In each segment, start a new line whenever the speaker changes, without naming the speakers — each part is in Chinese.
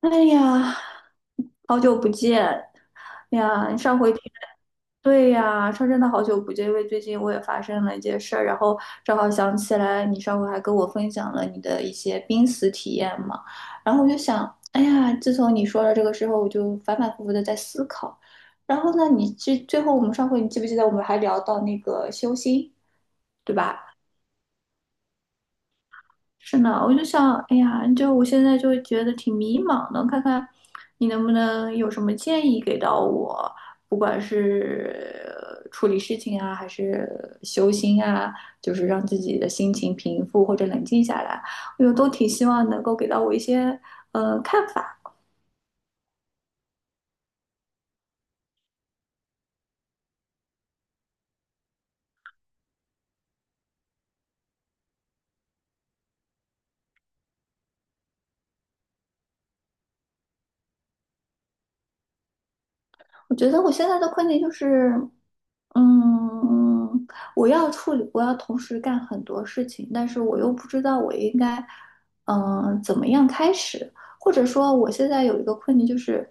哎呀，好久不见。哎呀！上回听对呀，说真的好久不见，因为最近我也发生了一件事儿，然后正好想起来，你上回还跟我分享了你的一些濒死体验嘛，然后我就想，哎呀，自从你说了这个之后，我就反反复复的在思考。然后呢，你最最后我们上回你记不记得我们还聊到那个修心，对吧？是呢，我就想，哎呀，就我现在就觉得挺迷茫的，看看你能不能有什么建议给到我，不管是处理事情啊，还是修心啊，就是让自己的心情平复或者冷静下来，我都挺希望能够给到我一些看法。我觉得我现在的困境就是，嗯，我要处理，我要同时干很多事情，但是我又不知道我应该，怎么样开始，或者说我现在有一个困境就是，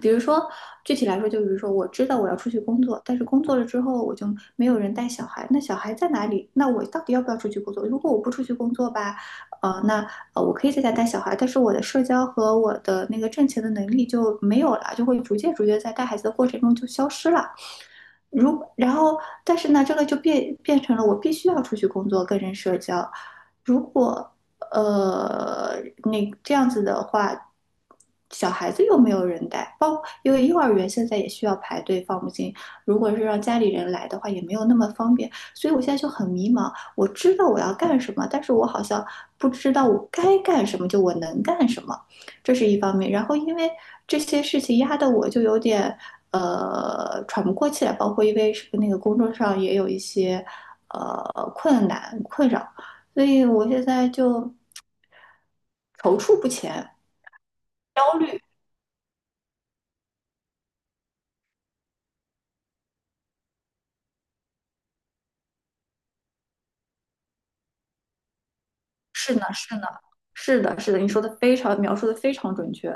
比如说具体来说，就比如说我知道我要出去工作，但是工作了之后我就没有人带小孩，那小孩在哪里？那我到底要不要出去工作？如果我不出去工作吧，那我可以在家带小孩，但是我的社交和我的那个挣钱的能力就没有了，就会逐渐逐渐在带孩子的过程中就消失了。如然后，但是呢，这个就变成了我必须要出去工作跟人社交。如果呃那这样子的话，小孩子又没有人带，包括因为幼儿园现在也需要排队放不进，如果是让家里人来的话，也没有那么方便。所以我现在就很迷茫，我知道我要干什么，但是我好像不知道我该干什么，就我能干什么。这是一方面。然后因为这些事情压得我就有点喘不过气来，包括因为是那个工作上也有一些呃困难困扰，所以我现在就踌躇不前，焦虑。是呢，是呢，是的，是的，你说的非常描述的非常准确。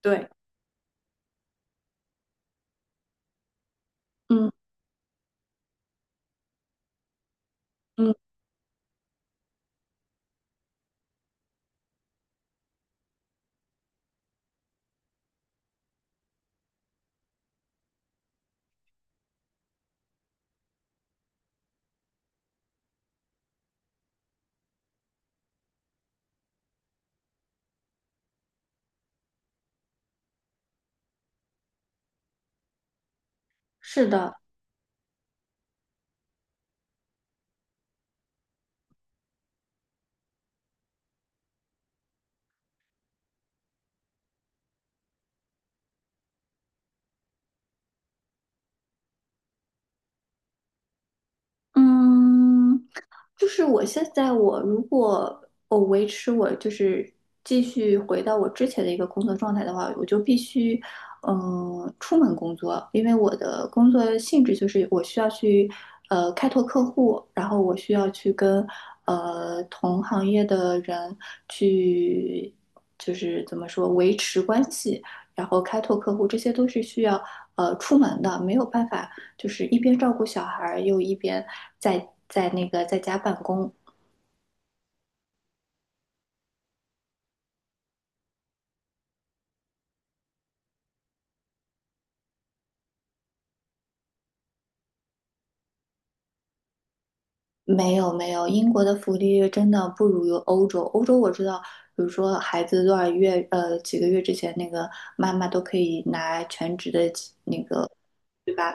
对，嗯嗯，是的，嗯。就是我现在我如果我维持我就是继续回到我之前的一个工作状态的话，我就必须嗯、出门工作，因为我的工作性质就是我需要去开拓客户，然后我需要去跟同行业的人去就是怎么说维持关系，然后开拓客户，这些都是需要出门的，没有办法。就是一边照顾小孩又一边在那个在家办公。没有没有，英国的福利真的不如欧洲。欧洲我知道，比如说孩子多少月，几个月之前，那个妈妈都可以拿全职的那个，对吧？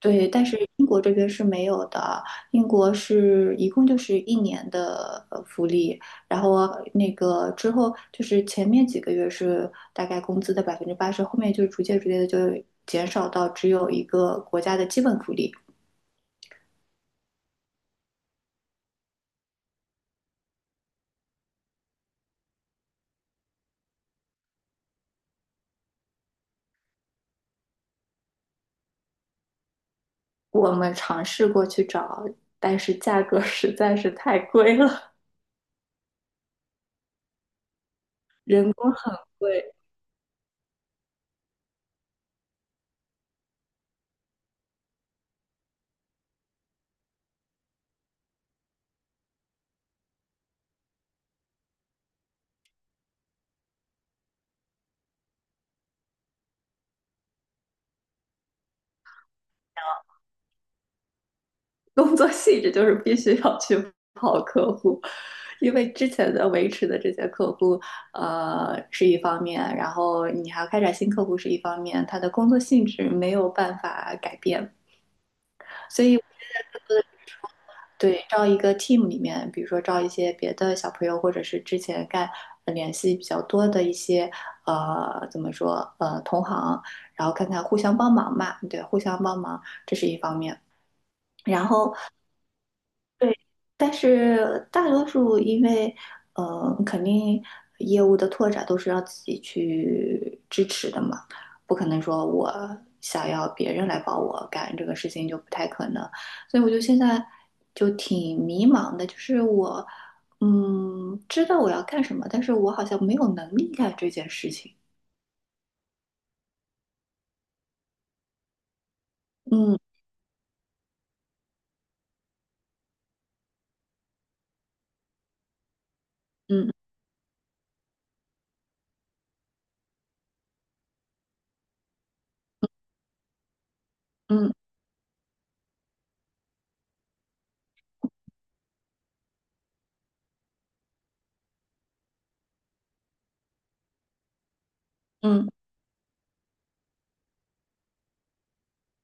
对，但是英国这边是没有的。英国是一共就是一年的福利，然后那个之后就是前面几个月是大概工资的80%，后面就逐渐逐渐的就减少到只有一个国家的基本福利。我们尝试过去找，但是价格实在是太贵了。工作性质就是必须要去跑客户，因为之前的维持的这些客户，是一方面，然后你还要开展新客户是一方面，他的工作性质没有办法改变。对，招一个 team 里面，比如说招一些别的小朋友，或者是之前干联系比较多的一些怎么说同行，然后看看互相帮忙嘛，对，互相帮忙这是一方面。然后对，但是大多数因为，肯定业务的拓展都是要自己去支持的嘛，不可能说我想要别人来帮我干这个事情就不太可能，所以我就现在就挺迷茫的，就是我，嗯，知道我要干什么，但是我好像没有能力干这件事情。嗯嗯嗯嗯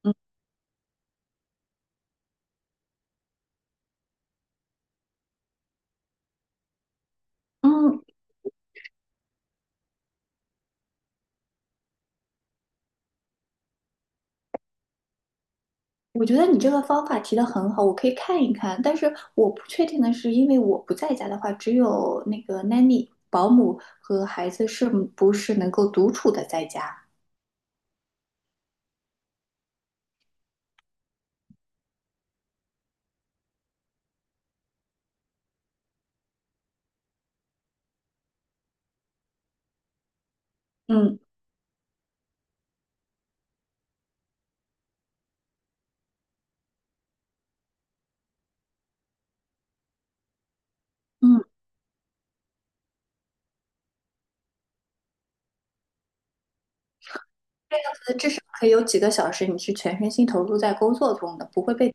嗯嗯我觉得你这个方法提的很好，我可以看一看。但是我不确定的是，因为我不在家的话，只有那个 nanny 保姆和孩子是不是能够独处的在家？嗯嗯，至少可以有几个小时，你是全身心投入在工作中的，不会被。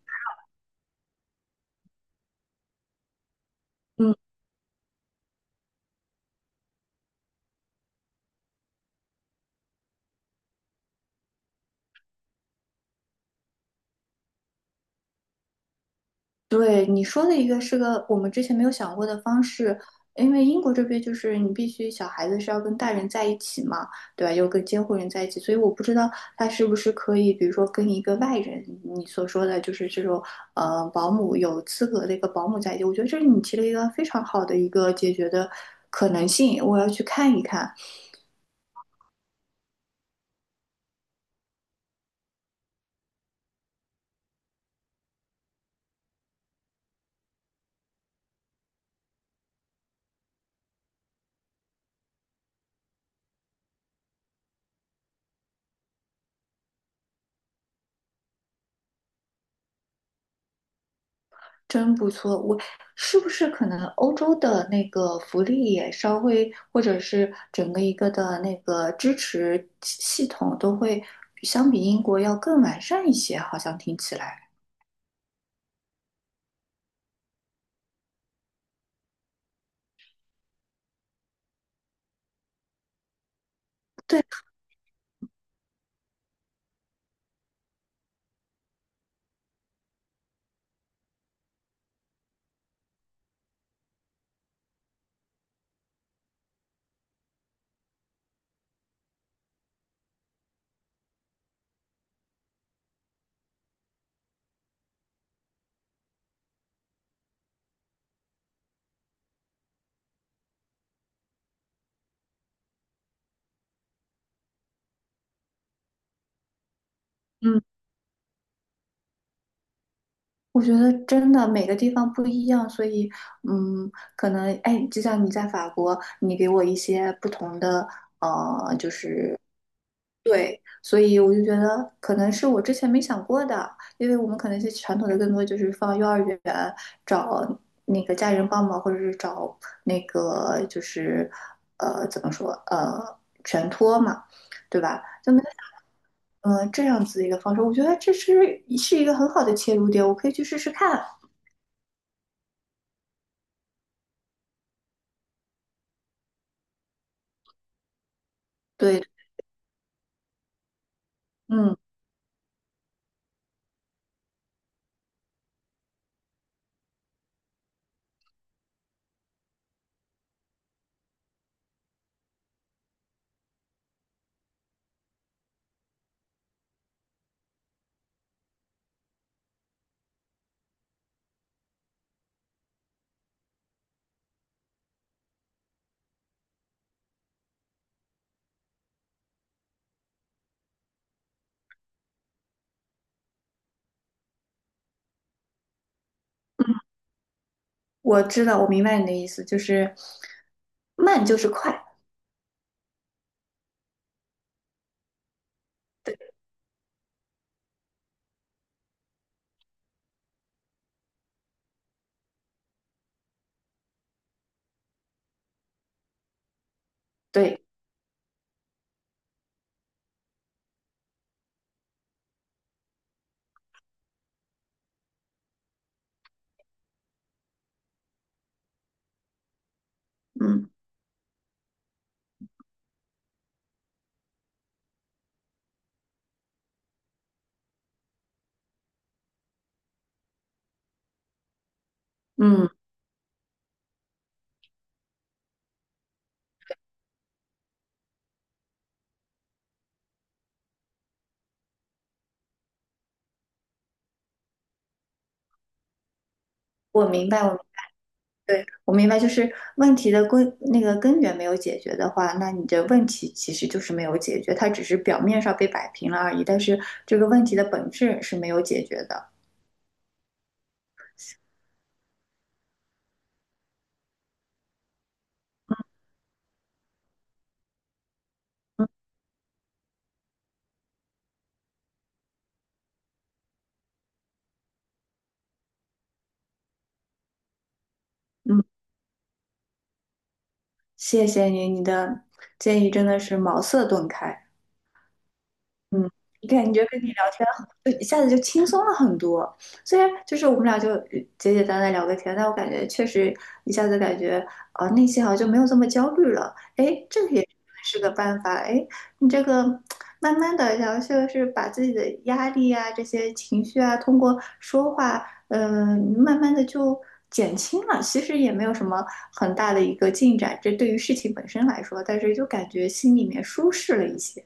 嗯。对，你说的一个是个我们之前没有想过的方式，因为英国这边就是你必须小孩子是要跟大人在一起嘛，对吧？又跟监护人在一起，所以我不知道他是不是可以，比如说跟一个外人，你所说的就是这种保姆有资格的一个保姆在一起，我觉得这是你提了一个非常好的一个解决的可能性，我要去看一看。真不错，我是不是可能欧洲的那个福利也稍微，或者是整个一个的那个支持系统都会相比英国要更完善一些？好像听起来，对，嗯，我觉得真的每个地方不一样，所以嗯，可能哎，就像你在法国，你给我一些不同的对，所以我就觉得可能是我之前没想过的，因为我们可能是传统的更多就是放幼儿园找那个家人帮忙，或者是找那个就是怎么说全托嘛，对吧？那么这样子的一个方式，我觉得这是一个很好的切入点，我可以去试试看。对，嗯，我知道，我明白你的意思，就是慢就是快。对，对，嗯嗯，我明白，我对，我明白，就是问题的根那个根源没有解决的话，那你的问题其实就是没有解决，它只是表面上被摆平了而已，但是这个问题的本质是没有解决的。嗯，嗯谢谢你，你的建议真的是茅塞顿开。嗯，感觉跟你聊天很，就一下子就轻松了很多。虽然就是我们俩就简简单单聊个天，但我感觉确实一下子感觉内心好像就没有这么焦虑了。哎，这个也是个办法。哎，你这个慢慢的，然后就是把自己的压力啊、这些情绪啊，通过说话，你慢慢的就减轻了。其实也没有什么很大的一个进展，这对于事情本身来说，但是就感觉心里面舒适了一些。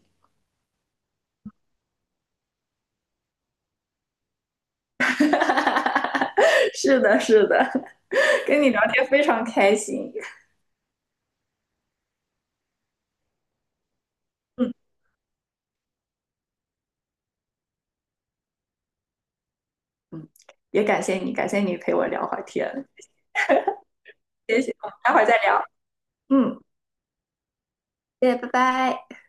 是的，是的，跟你聊天非常开心。嗯嗯，也感谢你，感谢你陪我聊会儿天。谢谢，我们待会儿再聊。嗯，谢谢，拜拜。